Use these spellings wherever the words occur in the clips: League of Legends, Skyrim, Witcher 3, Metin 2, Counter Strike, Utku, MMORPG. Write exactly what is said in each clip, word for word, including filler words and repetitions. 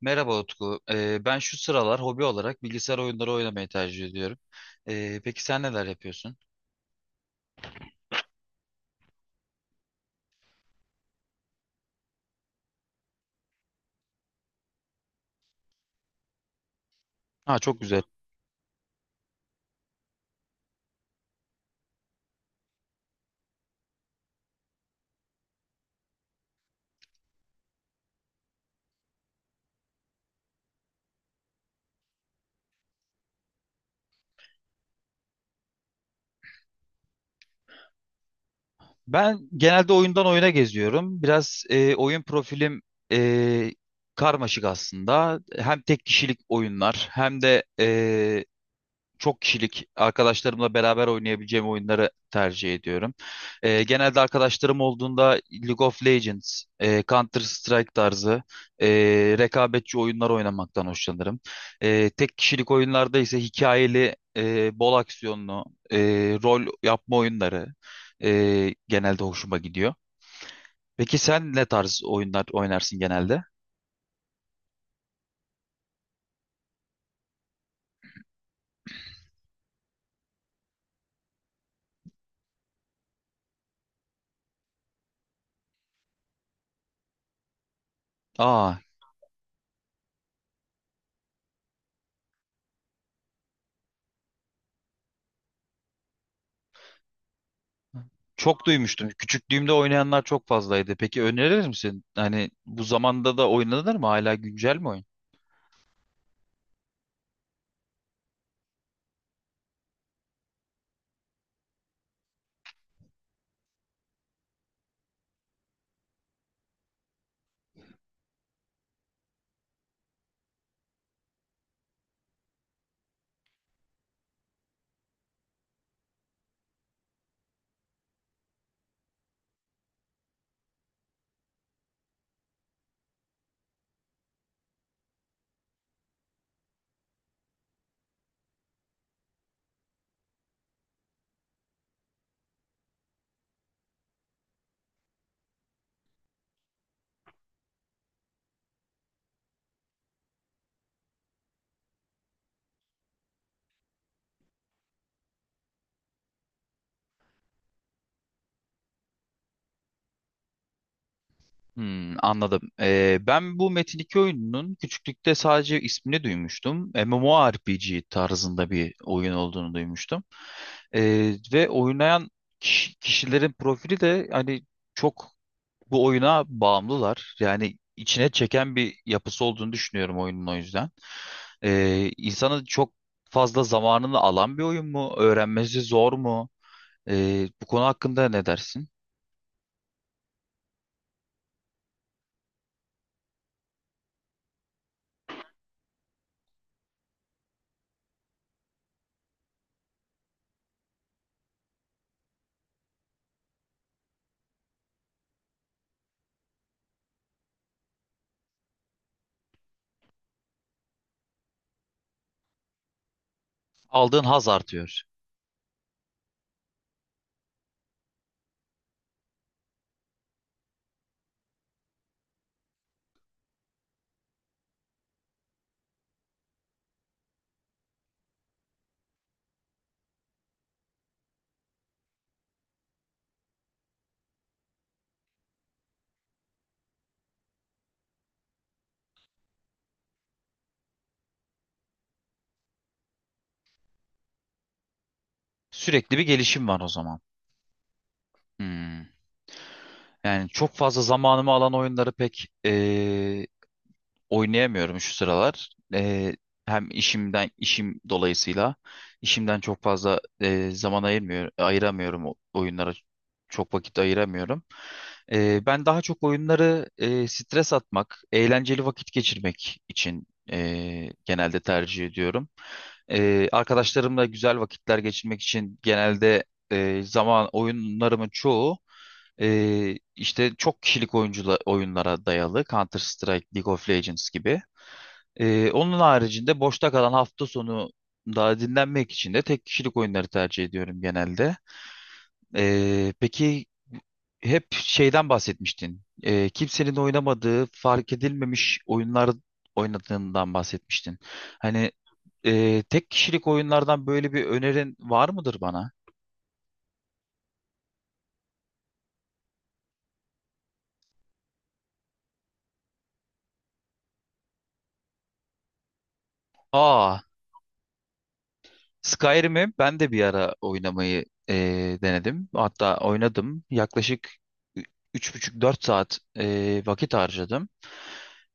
Merhaba Utku. Ee, ben şu sıralar hobi olarak bilgisayar oyunları oynamayı tercih ediyorum. Ee, peki sen neler yapıyorsun? Ha, çok güzel. Ben genelde oyundan oyuna geziyorum. Biraz e, oyun profilim e, karmaşık aslında. Hem tek kişilik oyunlar hem de e, çok kişilik arkadaşlarımla beraber oynayabileceğim oyunları tercih ediyorum. Ee, genelde arkadaşlarım olduğunda League of Legends, e, Counter Strike tarzı e, rekabetçi oyunlar oynamaktan hoşlanırım. E, tek kişilik oyunlarda ise hikayeli, e, bol aksiyonlu, e, rol yapma oyunları e, genelde hoşuma gidiyor. Peki sen ne tarz oyunlar oynarsın genelde? Aa, çok duymuştum. Küçüklüğümde oynayanlar çok fazlaydı. Peki önerir misin? Hani bu zamanda da oynanır mı? Hala güncel mi oyun? Hmm, anladım. Ee, ben bu Metin iki oyununun küçüklükte sadece ismini duymuştum. MMORPG tarzında bir oyun olduğunu duymuştum. Ee, ve oynayan kiş- kişilerin profili de hani çok bu oyuna bağımlılar. Yani içine çeken bir yapısı olduğunu düşünüyorum oyunun, o yüzden. Ee, insanı çok fazla zamanını alan bir oyun mu? Öğrenmesi zor mu? Ee, bu konu hakkında ne dersin? Aldığın haz artıyor. Sürekli bir gelişim var o zaman. Hmm. Yani çok fazla zamanımı alan oyunları pek ee, oynayamıyorum şu sıralar. Eee, hem işimden işim dolayısıyla işimden çok fazla eee, zaman ayırmıyor, ayıramıyorum, o- oyunlara çok vakit ayıramıyorum. Eee, ben daha çok oyunları eee, stres atmak, eğlenceli vakit geçirmek için eee, genelde tercih ediyorum. Ee, arkadaşlarımla güzel vakitler geçirmek için genelde e, zaman oyunlarımın çoğu e, işte çok kişilik oyuncula, oyunlara dayalı. Counter Strike, League of Legends gibi. Ee, onun haricinde boşta kalan hafta sonu daha dinlenmek için de tek kişilik oyunları tercih ediyorum genelde. Ee, peki, hep şeyden bahsetmiştin. Ee, kimsenin oynamadığı, fark edilmemiş oyunlar oynadığından bahsetmiştin. Hani ee, tek kişilik oyunlardan böyle bir önerin var mıdır bana? Aa, Skyrim'i ben de bir ara oynamayı ee, denedim. Hatta oynadım. Yaklaşık üç buçuk dört saat ee, vakit harcadım.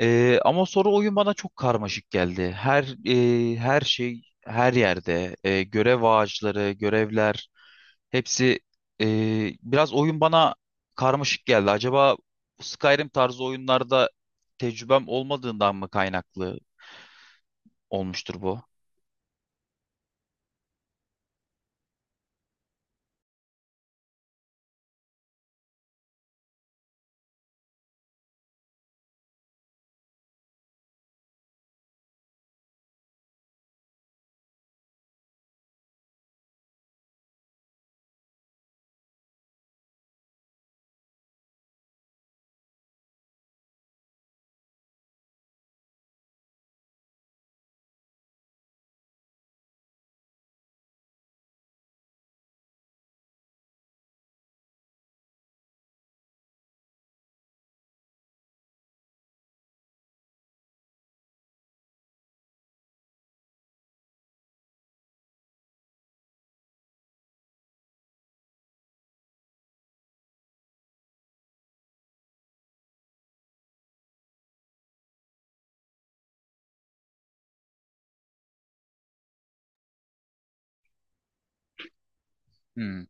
Ee, ama sonra oyun bana çok karmaşık geldi. Her e, her şey her yerde, e, görev ağaçları, görevler, hepsi e, biraz, oyun bana karmaşık geldi. Acaba Skyrim tarzı oyunlarda tecrübem olmadığından mı kaynaklı olmuştur bu? Hmm.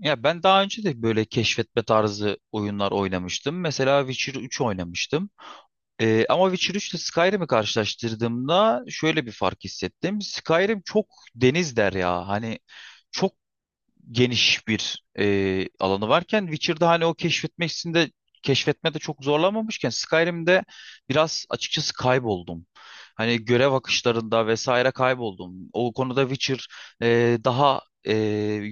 Ya ben daha önce de böyle keşfetme tarzı oyunlar oynamıştım. Mesela Witcher üç oynamıştım. Ee, ama Witcher üç ile Skyrim'i karşılaştırdığımda şöyle bir fark hissettim. Skyrim çok deniz derya. Hani çok geniş bir e, alanı varken Witcher'da hani o keşfetmesinde keşfetmede çok zorlanmamışken Skyrim'de biraz açıkçası kayboldum. Hani görev akışlarında vesaire kayboldum. O konuda Witcher e, daha e,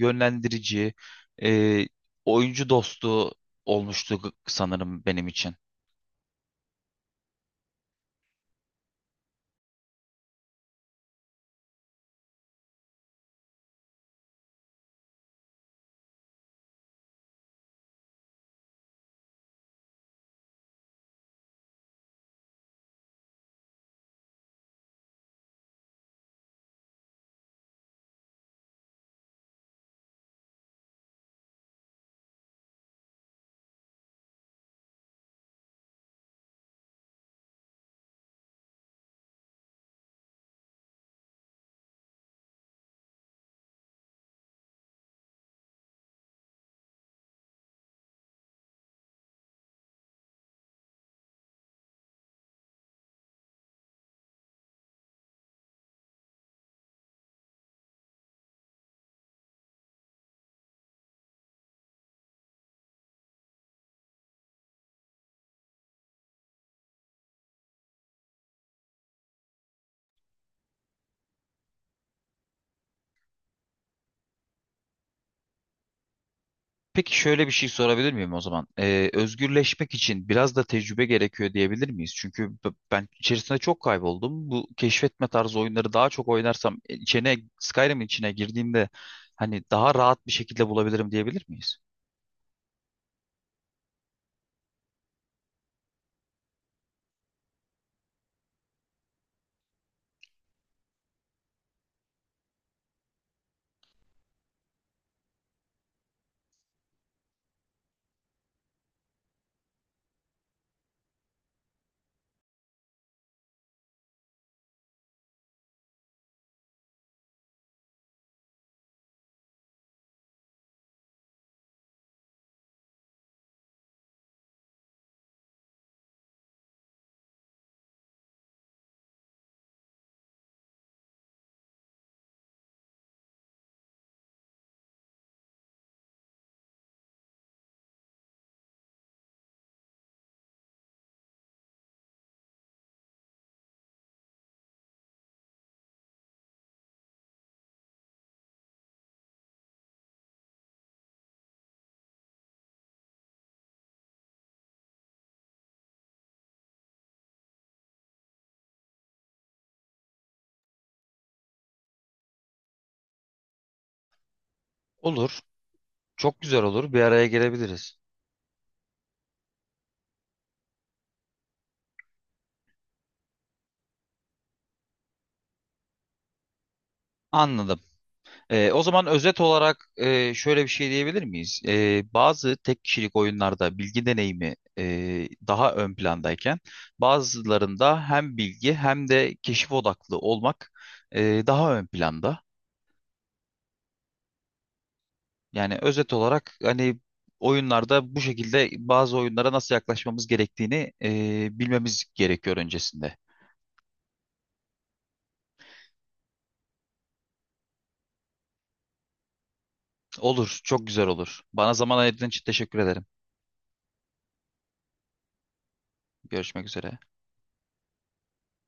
yönlendirici, e, oyuncu dostu olmuştu sanırım benim için. Peki şöyle bir şey sorabilir miyim o zaman? Ee, özgürleşmek için biraz da tecrübe gerekiyor diyebilir miyiz? Çünkü b- ben içerisinde çok kayboldum. Bu keşfetme tarzı oyunları daha çok oynarsam e, içine Skyrim'in içine girdiğimde hani daha rahat bir şekilde bulabilirim diyebilir miyiz? Olur. Çok güzel olur. Bir araya gelebiliriz. Anladım. Ee, o zaman özet olarak e, şöyle bir şey diyebilir miyiz? Ee, bazı tek kişilik oyunlarda bilgi deneyimi e, daha ön plandayken, bazılarında hem bilgi hem de keşif odaklı olmak e, daha ön planda. Yani özet olarak hani oyunlarda bu şekilde bazı oyunlara nasıl yaklaşmamız gerektiğini e, bilmemiz gerekiyor öncesinde. Olur, çok güzel olur. Bana zaman ayırdığın için teşekkür ederim. Görüşmek üzere.